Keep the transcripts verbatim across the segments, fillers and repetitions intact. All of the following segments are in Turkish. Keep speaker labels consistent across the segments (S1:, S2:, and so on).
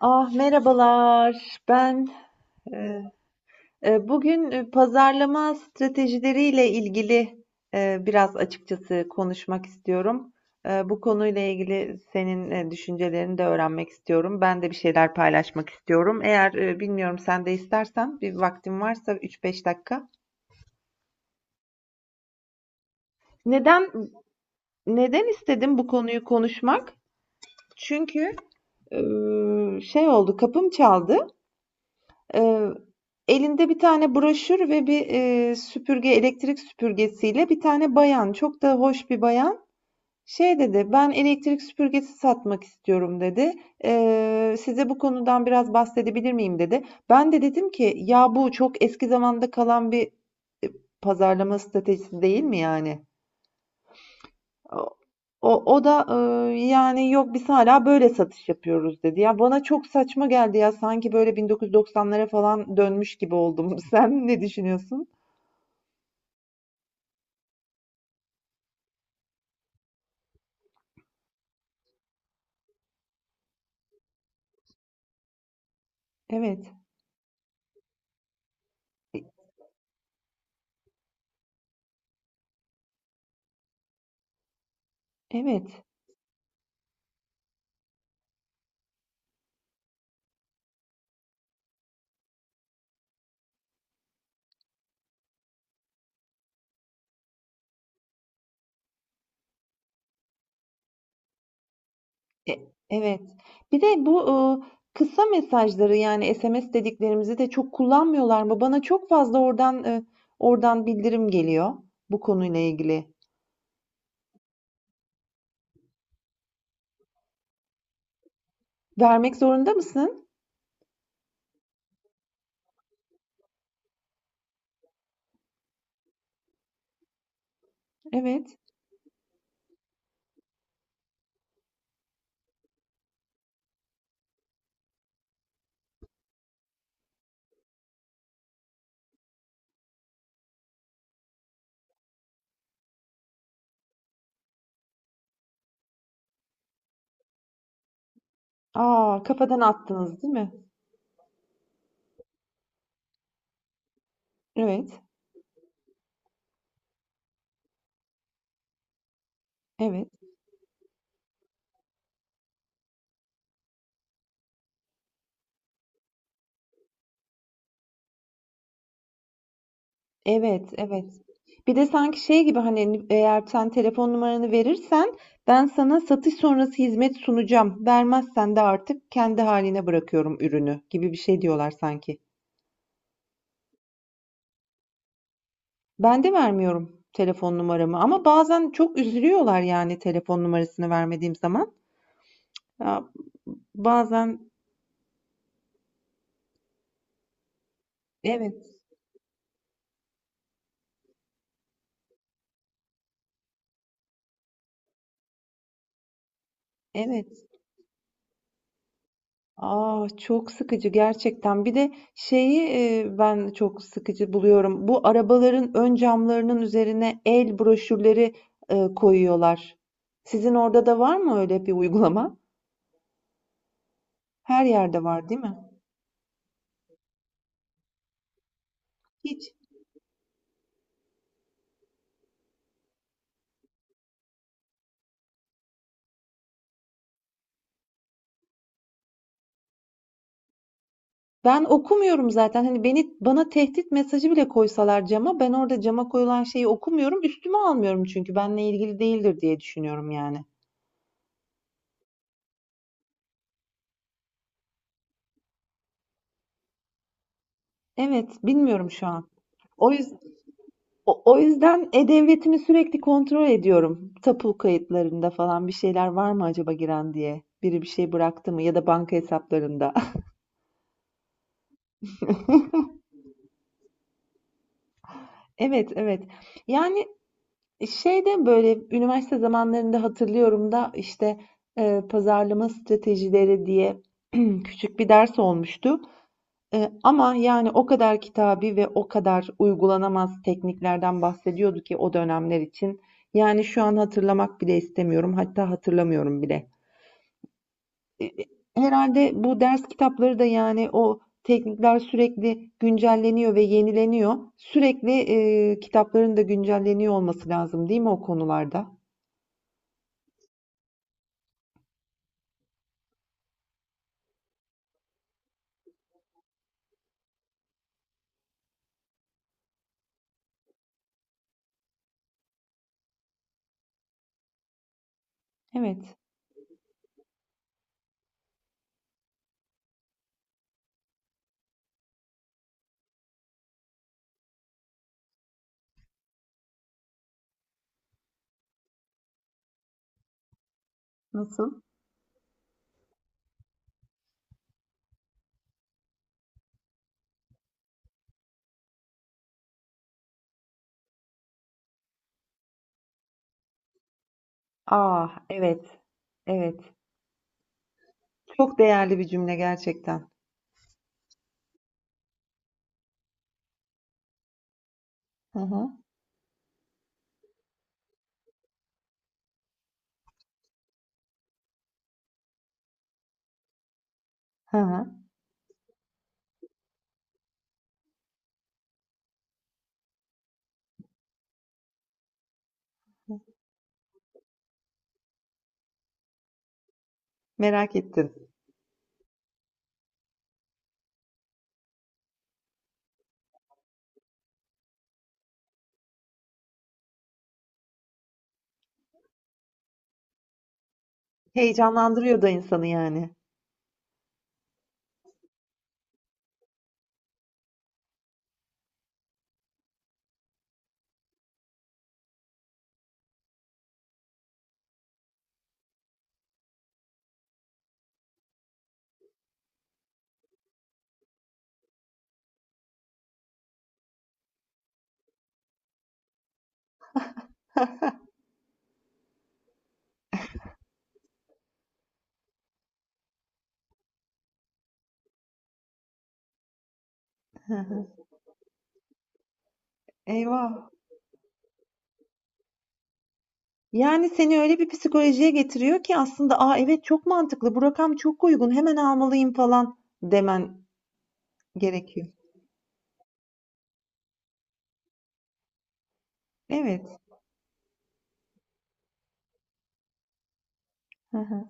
S1: Ah merhabalar. Ben e, e, bugün e, pazarlama stratejileriyle ilgili e, biraz açıkçası konuşmak istiyorum. E, bu konuyla ilgili senin e, düşüncelerini de öğrenmek istiyorum. Ben de bir şeyler paylaşmak istiyorum. Eğer e, bilmiyorum sen de istersen bir vaktin varsa üç beş dakika. Neden neden istedim bu konuyu konuşmak? Çünkü e, şey oldu, kapım çaldı. Eee, elinde bir tane broşür ve bir, eee, süpürge, elektrik süpürgesiyle bir tane bayan, çok da hoş bir bayan, şey dedi, "Ben elektrik süpürgesi satmak istiyorum," dedi. "Eee, size bu konudan biraz bahsedebilir miyim?" dedi. Ben de dedim ki, "Ya bu çok eski zamanda kalan bir, eee, pazarlama stratejisi değil mi yani?" O, o da eee, yani yok biz hala böyle satış yapıyoruz dedi. Ya bana çok saçma geldi ya sanki böyle bin dokuz yüz doksanlara falan dönmüş gibi oldum. Sen ne düşünüyorsun? Evet, evet, e- evet. Bir de bu e, kısa mesajları yani S M S dediklerimizi de çok kullanmıyorlar mı? Bana çok fazla oradan e, oradan bildirim geliyor bu konuyla ilgili. Vermek zorunda mısın? Evet. Aa, kafadan attınız, değil mi? Evet, evet, evet, evet. Bir de sanki şey gibi hani eğer sen telefon numaranı verirsen ben sana satış sonrası hizmet sunacağım. Vermezsen de artık kendi haline bırakıyorum ürünü gibi bir şey diyorlar sanki. Ben de vermiyorum telefon numaramı ama bazen çok üzülüyorlar yani telefon numarasını vermediğim zaman. Ya, bazen evet, evet. Aa, çok sıkıcı gerçekten. Bir de şeyi e, ben çok sıkıcı buluyorum. Bu arabaların ön camlarının üzerine el broşürleri e, koyuyorlar. Sizin orada da var mı öyle bir uygulama? Her yerde var, değil mi? Hiç. Ben okumuyorum zaten. Hani beni bana tehdit mesajı bile koysalar cama, ben orada cama koyulan şeyi okumuyorum. Üstüme almıyorum çünkü benimle ilgili değildir diye düşünüyorum yani. Evet, bilmiyorum şu an. O yüzden O, o yüzden e-devletimi sürekli kontrol ediyorum. Tapu kayıtlarında falan bir şeyler var mı acaba giren diye. Biri bir şey bıraktı mı ya da banka hesaplarında. Evet, evet. Yani şeyde böyle üniversite zamanlarında hatırlıyorum da işte e, pazarlama stratejileri diye küçük bir ders olmuştu. E, ama yani o kadar kitabi ve o kadar uygulanamaz tekniklerden bahsediyordu ki o dönemler için. Yani şu an hatırlamak bile istemiyorum. Hatta hatırlamıyorum bile. E, e, Herhalde bu ders kitapları da yani o teknikler sürekli güncelleniyor ve yenileniyor. Sürekli e, kitapların da güncelleniyor olması lazım, değil mi o konularda? Evet. Nasıl? Ah, evet. Evet. Çok değerli bir cümle gerçekten. Hı hı. Hı hı. Merak ettim. Heyecanlandırıyor da insanı yani. Hı hı. Eyvah. Yani seni öyle bir psikolojiye getiriyor ki aslında "Aa evet çok mantıklı. Bu rakam çok uygun. Hemen almalıyım," falan demen gerekiyor. Evet. Hı hı.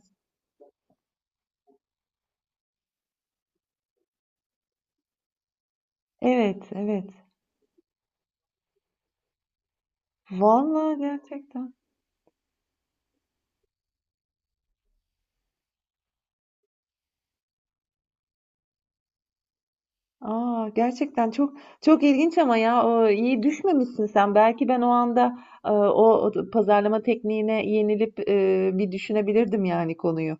S1: Evet, evet. Vallahi gerçekten. Aa, gerçekten çok çok ilginç ama ya o iyi düşmemişsin sen. Belki ben o anda e, o, o pazarlama tekniğine yenilip e, bir düşünebilirdim yani konuyu.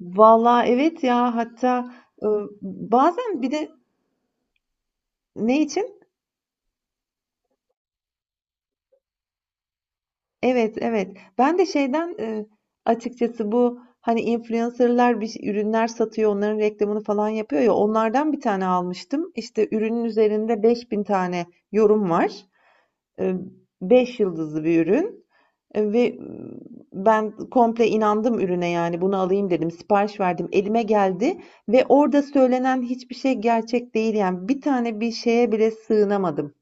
S1: Vallahi evet ya hatta e, bazen bir de ne için? Evet evet. Ben de şeyden e, açıkçası bu hani influencerlar bir şey- ürünler satıyor, onların reklamını falan yapıyor ya onlardan bir tane almıştım. İşte ürünün üzerinde beş bin tane yorum var. E, beş yıldızlı bir ürün. Eee, ve ımm, ben komple inandım ürüne, yani, "Bunu alayım," dedim. Sipariş verdim. Elime geldi ve orada söylenen hiçbir şey gerçek değil, yani. Bir tane bir şeye bile sığınamadım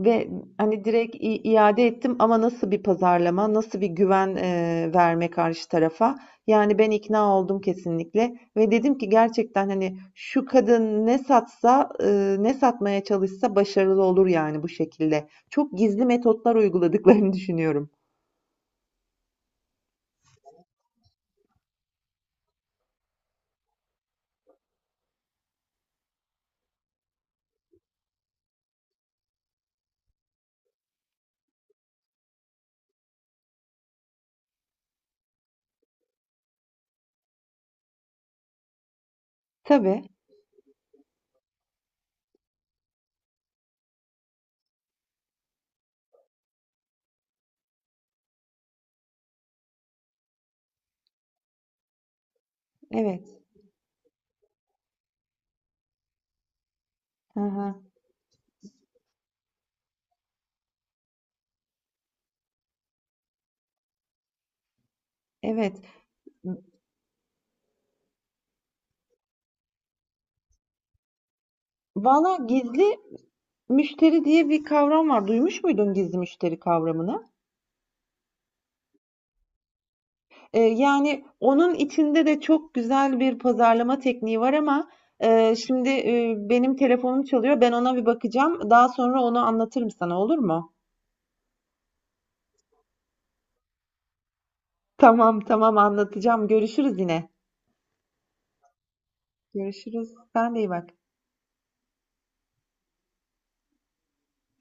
S1: ve, hani, direkt i iade ettim ama nasıl bir pazarlama, nasıl bir güven, eee, verme karşı tarafa? Yani, ben ikna oldum kesinlikle ve dedim ki gerçekten, hani, şu kadın ne satsa, ııı, ne satmaya çalışsa başarılı olur, yani, bu şekilde. Çok gizli metotlar uyguladıklarını düşünüyorum. Tabii, evet. Hı hı, evet. Valla gizli müşteri diye bir kavram var. Duymuş muydun gizli müşteri kavramını? Ee, yani onun içinde de çok güzel bir pazarlama tekniği var ama e, şimdi e, benim telefonum çalıyor. Ben ona bir bakacağım. Daha sonra onu anlatırım sana olur mu? Tamam, tamam anlatacağım. Görüşürüz yine. Görüşürüz. Sen de iyi bak.